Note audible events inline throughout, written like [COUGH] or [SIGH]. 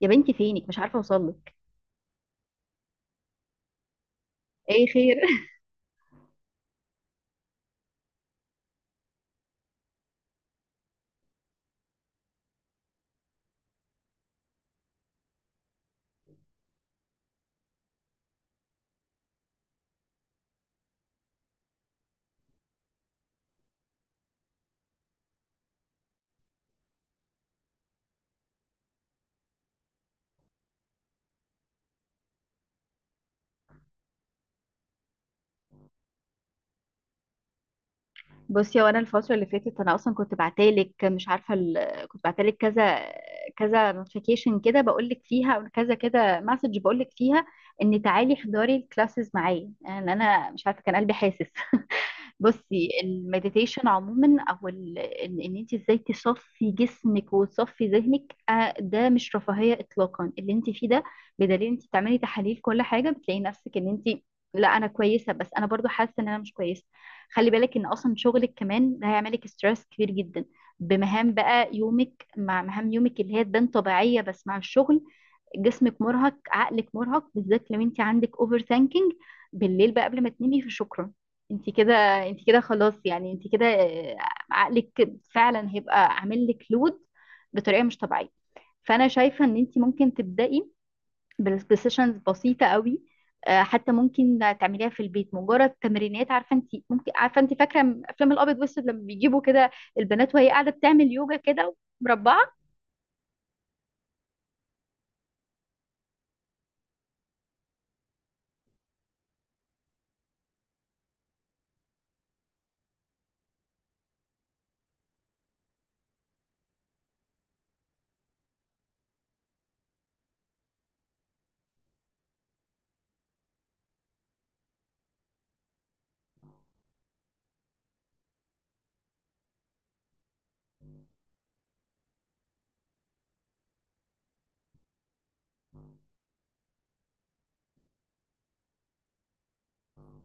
يا بنتي فينك مش عارفة اوصلك. ايه خير؟ [LAUGHS] بصي، وانا الفترة اللي فاتت انا اصلا كنت بعتلك، مش عارفة كنت بعتلك كذا نوتيفيكيشن كده بقول لك فيها، او كذا كده مسج بقول لك فيها ان تعالي احضري الكلاسز معايا. يعني انا مش عارفة، كان قلبي حاسس. [LAUGHS] بصي، المديتيشن عموما، او ال- ان إن انت ازاي تصفي جسمك وتصفي ذهنك ده مش رفاهية اطلاقا اللي انت فيه ده. بدليل انت تعملي تحاليل كل حاجة بتلاقي نفسك ان انت، لا انا كويسة، بس انا برضو حاسة ان انا مش كويسة. خلي بالك ان اصلا شغلك كمان ده هيعملك ستريس كبير جدا، بمهام بقى يومك، مع مهام يومك اللي هي تبان طبيعية بس مع الشغل. جسمك مرهق، عقلك مرهق، بالذات لو انت عندك اوفر ثانكينج بالليل بقى قبل ما تنامي في شكرا. انت كده، انت كده خلاص، يعني انت كده عقلك فعلا هيبقى عامل لك لود بطريقه مش طبيعيه. فانا شايفه ان انت ممكن تبداي بسيشنز بسيطه قوي، حتى ممكن تعمليها في البيت، مجرد تمرينات. عارفه انت ممكن، عارفه انت فاكره افلام الابيض والاسود لما بيجيبوا كده البنات، وهي قاعده بتعمل يوجا كده، مربعه.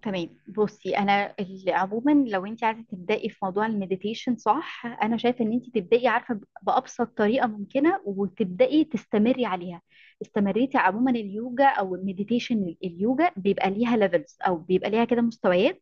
تمام، بصي انا عموما لو انت عايزه تبداي في موضوع المديتيشن صح، انا شايفه ان انت تبداي، عارفه، بابسط طريقه ممكنه، وتبداي تستمري عليها. استمريتي، عموما اليوجا او المديتيشن، اليوجا بيبقى ليها ليفلز، او بيبقى ليها كده مستويات.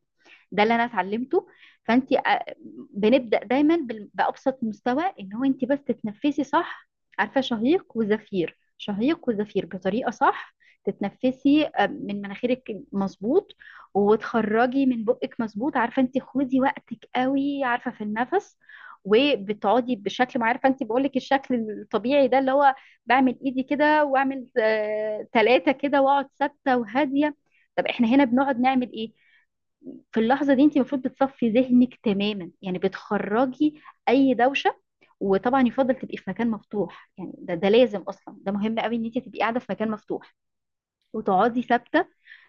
ده اللي انا اتعلمته. فانت بنبدا دايما بابسط مستوى، ان هو انت بس تتنفسي صح. عارفه، شهيق وزفير، شهيق وزفير بطريقه صح. تتنفسي من مناخيرك، مظبوط، وتخرجي من بقك، مظبوط. عارفه انت خدي وقتك قوي عارفه في النفس، وبتقعدي بشكل، ما عارفه انت بقول لك الشكل الطبيعي ده اللي هو بعمل ايدي كده، واعمل ثلاثه كده، واقعد ثابته وهاديه. طب احنا هنا بنقعد نعمل ايه؟ في اللحظة دي انت المفروض بتصفي ذهنك تماما، يعني بتخرجي اي دوشة. وطبعا يفضل تبقي في مكان مفتوح، يعني ده لازم اصلا، ده مهم قوي ان انت تبقي قاعدة في مكان مفتوح وتقعدي ثابتة،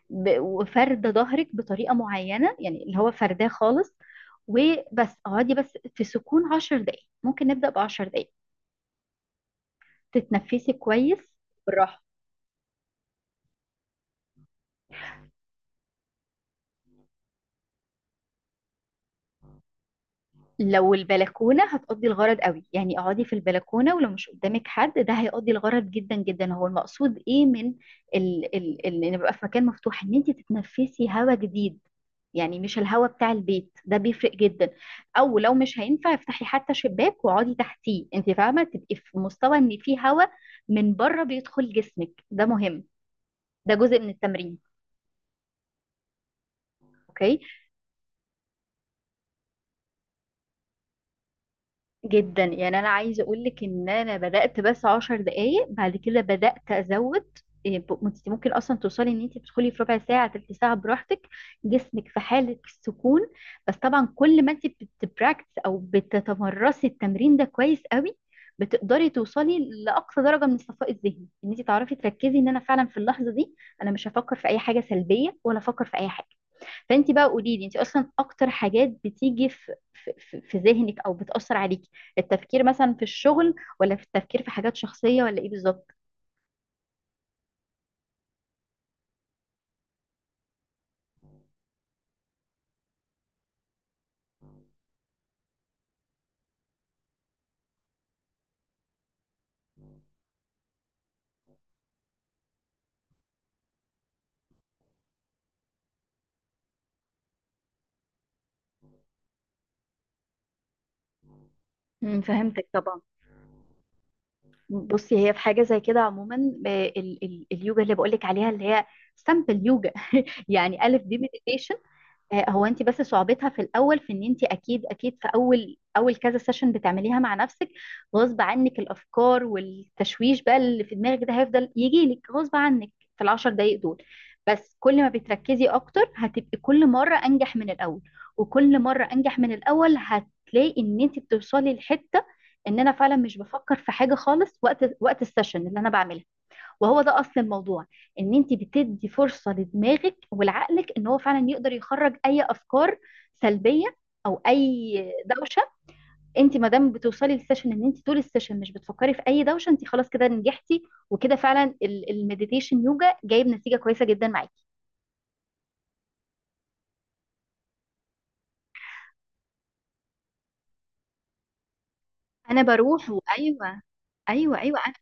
وفاردة ظهرك بطريقة معينة، يعني اللي هو فرداه خالص. وبس اقعدي بس في سكون 10 دقايق، ممكن نبدأ ب 10 دقايق، تتنفسي كويس، بالراحة. لو البلكونه هتقضي الغرض قوي، يعني اقعدي في البلكونه، ولو مش قدامك حد ده هيقضي الغرض جدا جدا. هو المقصود ايه من ال ان يبقى في مكان مفتوح، ان انت تتنفسي هواء جديد، يعني مش الهواء بتاع البيت، ده بيفرق جدا. او لو مش هينفع، افتحي حتى شباك واقعدي تحتيه، انت فاهمه، تبقي في مستوى ان في هواء من بره بيدخل جسمك، ده مهم، ده جزء من التمرين. اوكي، جدا يعني، انا عايزه اقول لك ان انا بدات بس 10 دقائق، بعد كده بدات ازود. إيه، انت ممكن اصلا توصلي ان انت تدخلي في ربع ساعة، ثلث ساعة براحتك، جسمك في حاله السكون. بس طبعا كل ما انت بتبراكتس، او بتتمرسي التمرين ده كويس قوي، بتقدري توصلي لاقصى درجه من الصفاء الذهني، ان انت تعرفي تركزي ان انا فعلا في اللحظه دي انا مش هفكر في اي حاجه سلبيه، ولا افكر في اي حاجه. فانت بقى قولي لي، انت اصلا اكتر حاجات بتيجي في في ذهنك، او بتأثر عليكي، التفكير مثلا في الشغل، ولا في التفكير في حاجات شخصية، ولا ايه بالظبط؟ امم، فهمتك طبعا. بصي، هي في حاجة زي كده عموما، ال اليوجا اللي بقولك عليها، اللي هي سامبل يوجا. [LAUGHS] يعني ألف دي meditation. هو انت بس صعوبتها في الاول، في ان انت اكيد اكيد، في اول كذا سيشن بتعمليها مع نفسك، غصب عنك الافكار والتشويش بقى اللي في دماغك ده هيفضل يجي لك غصب عنك في ال 10 دقايق دول. بس كل ما بتركزي اكتر، هتبقي كل مره انجح من الاول، وكل مره انجح من الاول هتلاقي ان انت بتوصلي لحته ان انا فعلا مش بفكر في حاجه خالص وقت السيشن اللي انا بعملها. وهو ده اصل الموضوع، ان انت بتدي فرصه لدماغك ولعقلك ان هو فعلا يقدر يخرج اي افكار سلبيه، او اي دوشه. انت ما دام بتوصلي للسيشن ان انت طول السيشن مش بتفكري في اي دوشه، انت خلاص كده نجحتي، وكده فعلا المديتيشن يوجا جايب نتيجه كويسه جدا معاكي. انا بروح، وايوه ايوه ايوه، انا،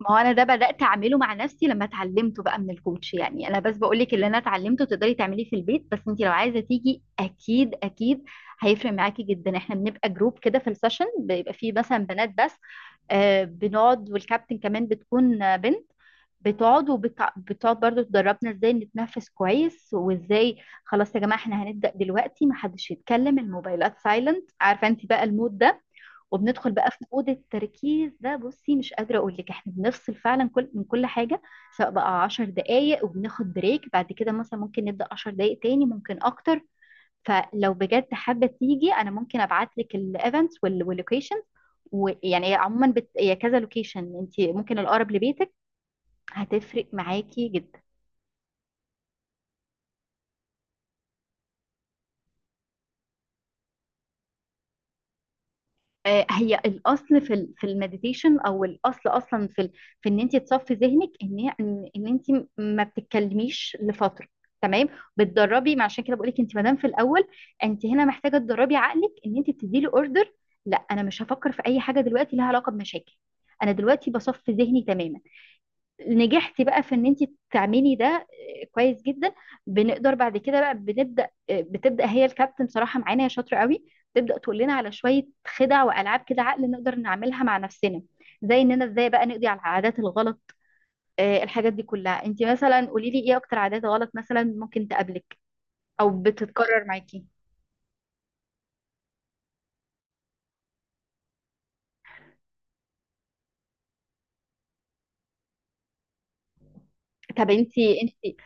ما هو انا ده بدات اعمله مع نفسي لما اتعلمته بقى من الكوتش. يعني انا بس بقول لك اللي انا اتعلمته تقدري تعمليه في البيت، بس انت لو عايزه تيجي، اكيد اكيد هيفرق معاكي جدا. احنا بنبقى جروب كده، في السيشن بيبقى فيه مثلا بنات بس، آه، بنقعد، والكابتن كمان بتكون بنت، بتقعد، وبتقعد برضو تدربنا ازاي نتنفس كويس، وازاي، خلاص يا جماعه احنا هنبدا دلوقتي، محدش يتكلم، الموبايلات سايلنت، عارفه انت بقى المود ده، وبندخل بقى في مود التركيز ده. بصي، مش قادرة أقول لك، إحنا بنفصل فعلا كل من كل حاجة، سواء بقى 10 دقايق، وبناخد بريك بعد كده، مثلا ممكن نبدأ 10 دقايق تاني، ممكن أكتر. فلو بجد حابة تيجي أنا ممكن أبعت لك الإيفنتس واللوكيشن، ويعني عموما هي كذا لوكيشن، أنت ممكن الأقرب لبيتك، هتفرق معاكي جدا. هي الاصل في في المديتيشن، او الاصل اصلا في في ان انت تصفي ذهنك، ان ان إن انت ما بتتكلميش لفتره، تمام، بتدربي. ما عشان كده بقول لك، انت ما دام في الاول، انت هنا محتاجه تدربي عقلك، ان انت بتدي له اوردر، لا انا مش هفكر في اي حاجه دلوقتي لها علاقه بمشاكل، انا دلوقتي بصفي ذهني تماما. نجحتي بقى في ان انت تعملي ده، كويس جدا. بنقدر بعد كده بقى بنبدا، بتبدا هي الكابتن بصراحه معانا، هي شاطره قوي، تبدا تقول لنا على شويه خدع والعاب كده عقل نقدر نعملها مع نفسنا، زي اننا ازاي بقى نقضي على العادات الغلط. الحاجات دي كلها، انت مثلا قولي لي ايه اكتر عادات غلط مثلا ممكن تقابلك، او بتتكرر معاكي. طب انت، انت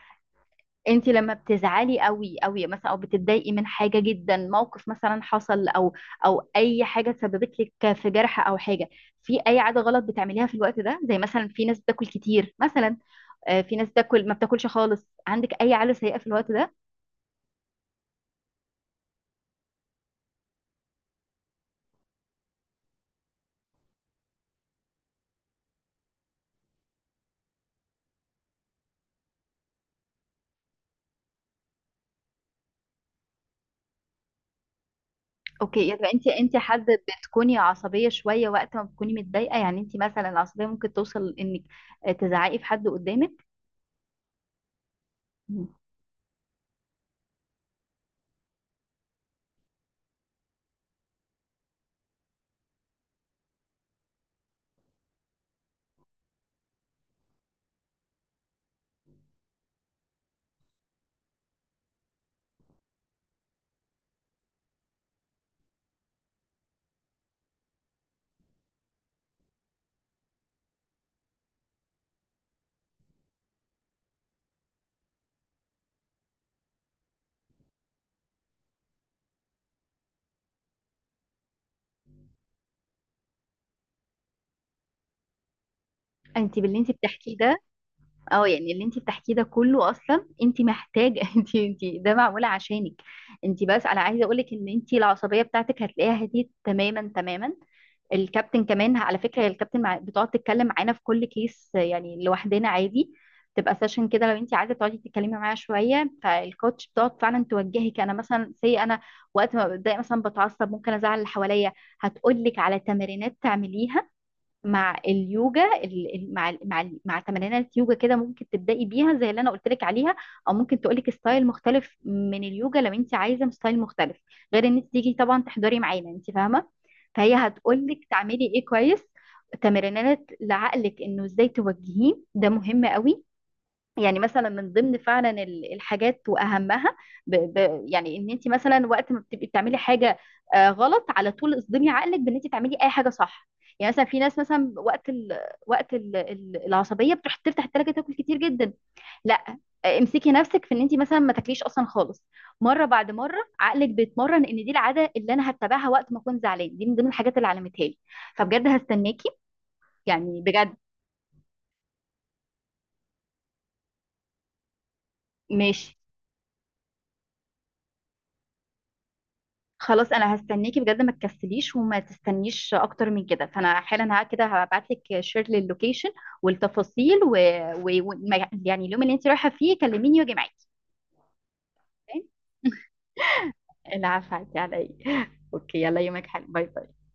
انت لما بتزعلي قوي قوي مثلا، او بتتضايقي من حاجه جدا، موقف مثلا حصل، او او اي حاجه سببت لك في جرح، او حاجه، في اي عاده غلط بتعمليها في الوقت ده؟ زي مثلا في ناس بتاكل كتير مثلا، في ناس بتاكل، ما بتاكلش خالص. عندك اي عاده سيئه في الوقت ده؟ اوكي، يبقى انت حد بتكوني عصبيه شويه وقت ما بتكوني متضايقه. يعني انت مثلا العصبيه ممكن توصل انك تزعقي في حد قدامك. مم. انت باللي انت بتحكيه ده، اه يعني اللي انت بتحكيه ده كله، اصلا انت محتاجه [LAUGHS] انت، ده معموله عشانك انت بس. انا عايزه اقولك ان انت العصبيه بتاعتك هتلاقيها هديت تماما تماما. الكابتن كمان على فكره، هي الكابتن بتقعد تتكلم معانا في كل كيس يعني، لوحدنا عادي، تبقى سيشن كده لو انت عايزه تقعدي تتكلمي معايا شويه، فالكوتش بتقعد فعلا توجهك. انا مثلا سي، انا وقت ما بتضايق مثلا بتعصب، ممكن ازعل اللي حواليا، هتقولك على تمرينات تعمليها مع اليوجا، مع تمرينات يوجا كده ممكن تبدأي بيها زي اللي انا قلت لك عليها، او ممكن تقول لك ستايل مختلف من اليوجا لو انت عايزه ستايل مختلف، غير ان انت تيجي طبعا تحضري معانا، انت فاهمه. فهي هتقول لك تعملي ايه، كويس، تمرينات لعقلك انه ازاي توجهيه، ده مهم قوي. يعني مثلا من ضمن فعلا الحاجات واهمها، يعني ان انت مثلا وقت ما بتبقي بتعملي حاجه غلط، على طول اصدمي عقلك بان انت تعملي اي حاجه صح. يعني مثلا في ناس مثلا العصبيه بتروح تفتح التلاجه تاكل كتير جدا، لا، امسكي نفسك في ان انت مثلا ما تاكليش اصلا خالص. مره بعد مره عقلك بيتمرن ان دي العاده اللي انا هتبعها وقت ما اكون زعلان، دي من ضمن الحاجات اللي علمتها لي. فبجد هستناكي، يعني بجد. ماشي، خلاص انا هستناكي بجد، ما تكسليش وما تستنيش اكتر من كده. فانا حالا ها كده هبعت لك شير للوكيشن والتفاصيل و... و... و... ما- يعني اليوم اللي انت رايحه فيه كلميني واجي معاكي. تمام؟ العفو عليكي على ايه. [LAUGHS] اوكي، يلا يومك حلو، باي باي.